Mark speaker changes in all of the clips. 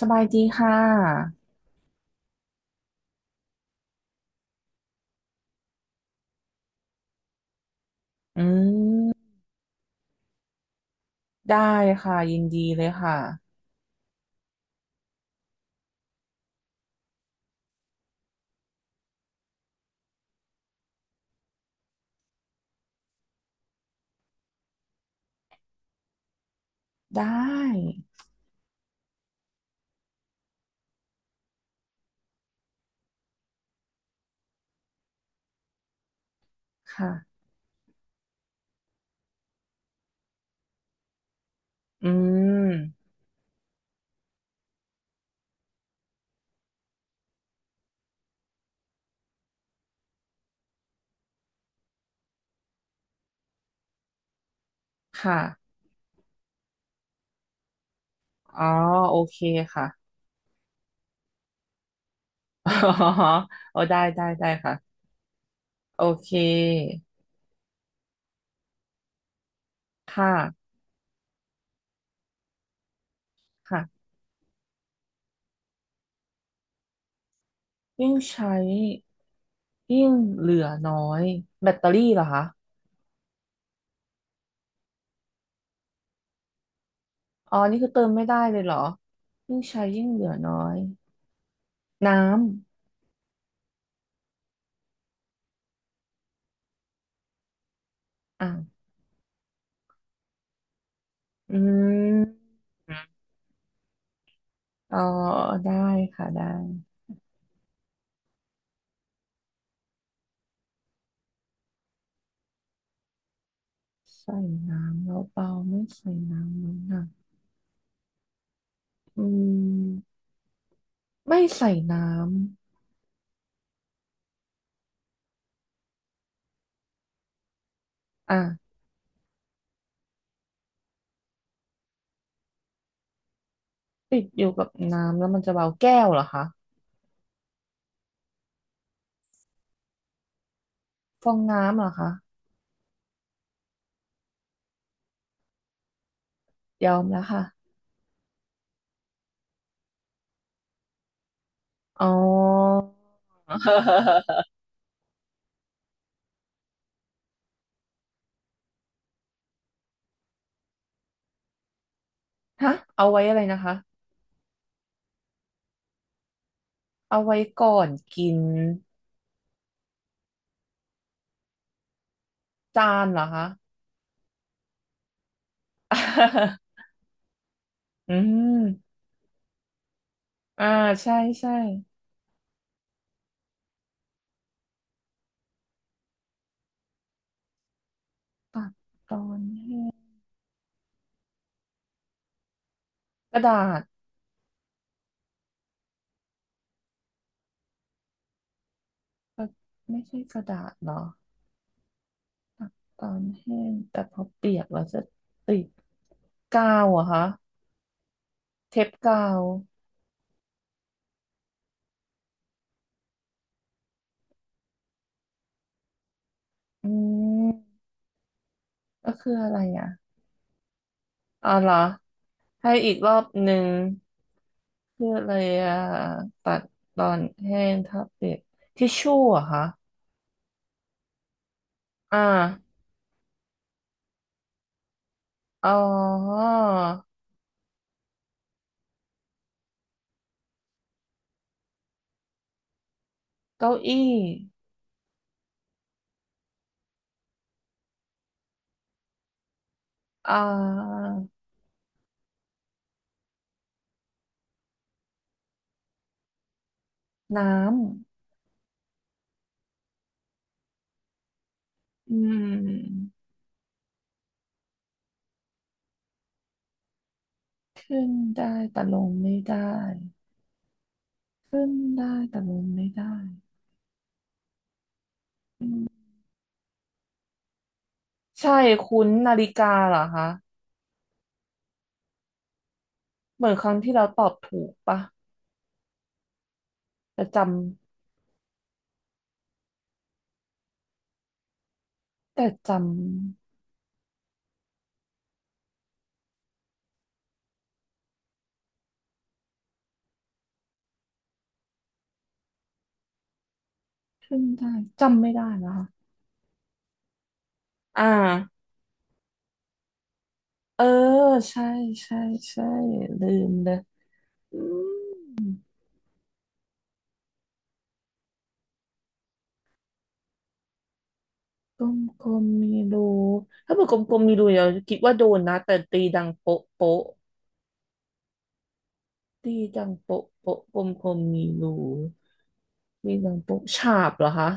Speaker 1: สบายดีค่ะอืมได้ค่ะ ยินดีเลยค่ะได้ค่ะอืมค่ะอ๋อโอเคค่ะ อ๋อโอ้ได้ได้ได้ค่ะโอเคค่ะค่ะยิ่งใช้ยิ่งเหลือน้อยแบตเตอรี่เหรอคะอ๋อนี่คือเติมไม่ได้เลยเหรอยิ่งใช้ยิ่งเหลือน้อยน้ำอ่ะอืมอ๋อได้ค่ะได้ ใส่น้ำแล้วเบาไม่ใส่น้ำแล้วหนักอืมไม่ใส่น้ำอ่ะติดอยู่กับน้ำแล้วมันจะเบาแก้วเหรอคะฟองน้ำเหรอคะยอมแล้วค่ะอ๋อ ฮะเอาไว้อะไรนะคะเอาไว้ก่อนกินจานเหรอคะ อืมอ่าใช่ใช่ตัดตอนแห้งกระดาษกระไม่ใช่กระดาษเหรอ ตอนแห้งแต่พอเปียกแล้วจะติดกาวเหรอะคะเทปกาวอืมก็คืออะไรอ่ะอ๋อเหรอให้อีกรอบหนึ่งคืออะไรอ่ะตัดตอนแห้งทับเปียกทิชชู่เหรอะคะอ่าอ๋อเก้าอี้อ่าน้ำขึ้นได้แต่ลงไม่ได้ขึ้นได้แต่ลงไม่ได้อืม ใช่คุ้นนาฬิกาเหรอคะเหมือนครั้งที่เราตอบถูกปะแต่จแต่จำขึ้นได้จำไม่ได้นะคะอ่าเออใช่ใช่ใช่ลืมเลยอืมกลมๆมีรูถ้าเป็นกลมๆมีรูเราคิดว่าโดนนะแต่ตีดังโป๊ะโป๊ะตีดังโป๊ะโป๊ะกลมๆมีรูตีดังโป๊ะฉาบเหรอคะ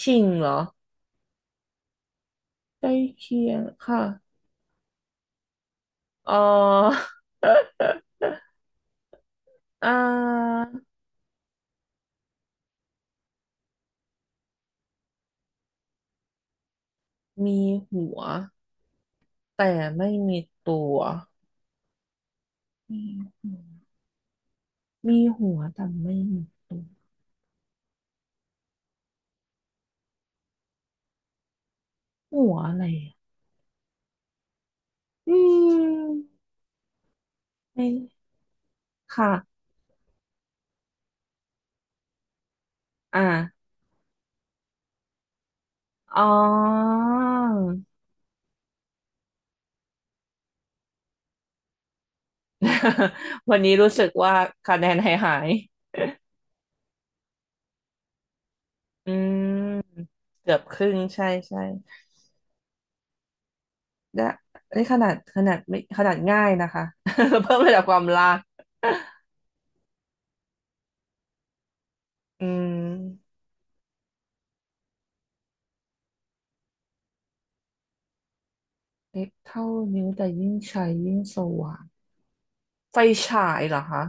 Speaker 1: ชิงเหรอใกล้เคียงค่ะอ๋ออ่า มีหัวแต่ไม่มีตัวมีหัว มีหัวแต่ไม่มีตัวหัวอะไรอะอืมไม่ค่ะ อ่าอ๋อ วันนี้รู้สึกว่าคะแนนหายอืมเกือบครึ่งใช่ใช่และนี่ขนาดไม่ขนาดง่ายนะคะ เพิ่มระดับความลากอืมเล็กเท่านิ้วแต่ยิ่งใช้ยิ่งสว่าง ไฟฉายเหรอคะ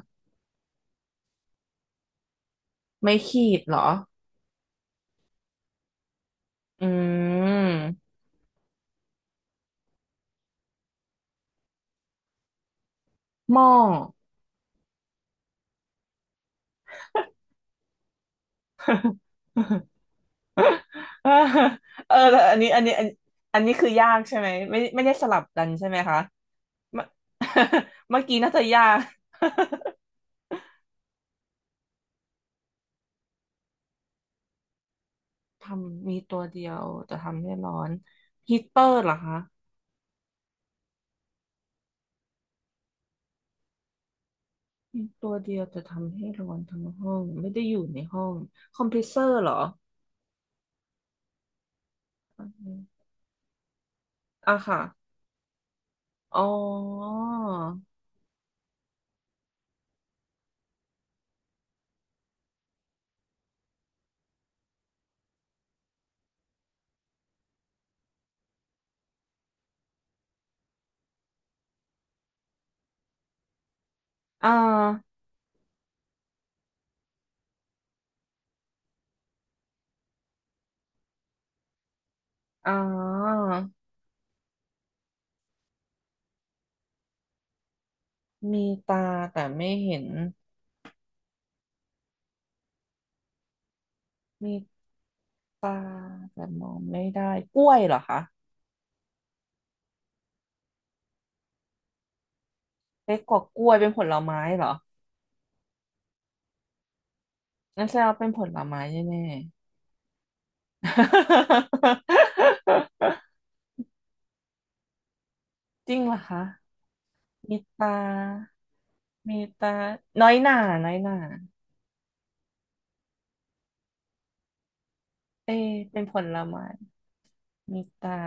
Speaker 1: ไม่ขีดเหรออืมหม้อเออแต่อันนี้อันนี้คือยากใช่ไหมไม่ไม่ได้สลับกันใช่ไหมคะเมื่อ เมื่อกี้น่าจะยาก ทำมีตัวเดียวแต่ทำให้ร้อนฮีตเตอร์เหรอคะมีตัวเดียวแต่ทำให้ร้อนทั้งห้องไม่ได้อยู่ในห้องคอมเพรสเซอร์เหรออ่ะค่ะอ๋ออ่าอ่า มีตาแต่ไม่เห็น มีตาแต่มองไม่ได้กล้วยเหรอคะเล็กกว่ากล้วยเป็นผลไม้เหรองั้นแสดงว่าเป็นผลไม้แน่ๆ จริงเหรอคะ มีตา มีตา น้อยหน่า น้อยหน่าเอะเป็นผลไม้ มีตา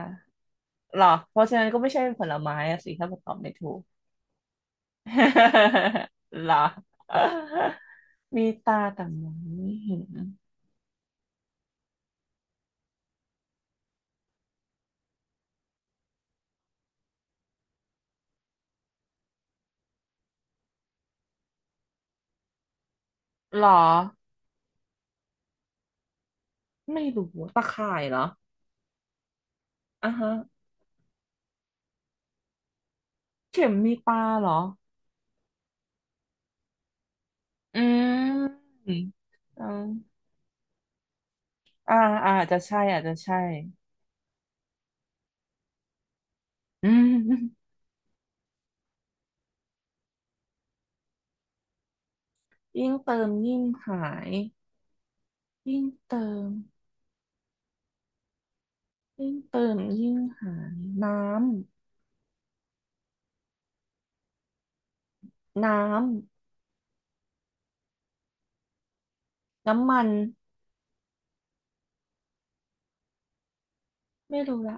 Speaker 1: เหรอเพราะฉะนั้นก็ไม่ใช่เป็นผลไม้อะสิถ้าตอบไม่ถูก เหรอ มีตาแต่มองไม่เห็น หรอไม่รู้ตะข่ายเหรออ่ะฮะเข็มมีปลาเหรออืมเอาอ่าอ่าอาจจะใช่อาจจะใช่อืมยิ่งเติมยิ่งหายยิ่งเติมยิ่งเติมยิ่งหายน้ำน้ำมันไม่รู้ละ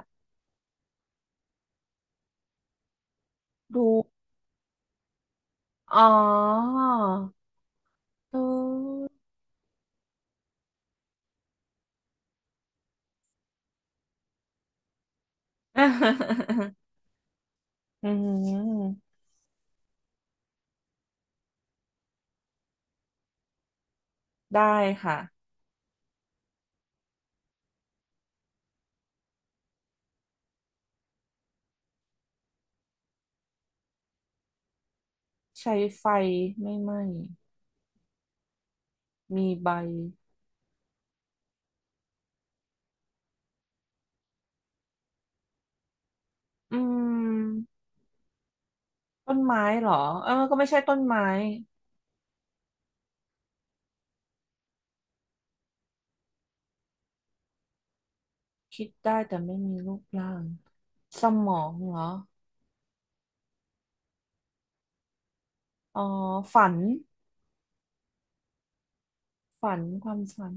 Speaker 1: รู้อ๋อรู ออืมได้ค่ะใช้ไฟไม่ไหม้มีใบ อืมต้นไม้เหรอเออก็ไม่ใช่ต้นไม้คิดได้แต่ไม่มีรูปร่างสมองเหรออ๋อฝันความฝัน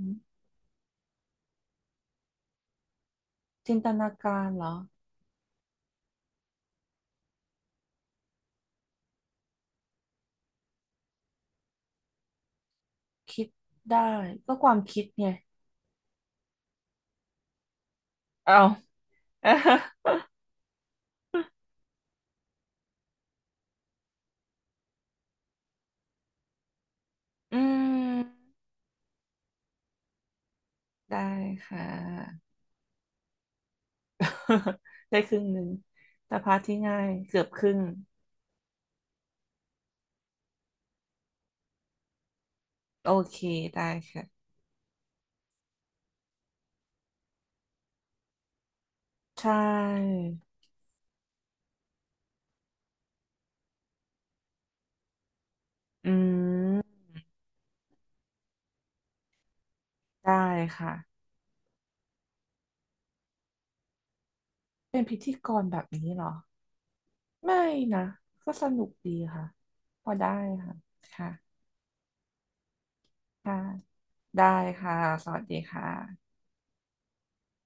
Speaker 1: จินตนาการเหรอคิดได้ก็ความคิดไงเอา อืมได้ค่ะ ได้ครึ่งหนึ่งแต่พาร์ทที่ง่ายเกือบครึ่งโอเคได้ค่ะใช่อืมได้ค่ะเป็นพิธีกรแบบนี้เหรอ ไม่นะก็สนุกดีค่ะพอได้ค่ะค่ะค่ะได้ค่ะสวัสดีค่ะ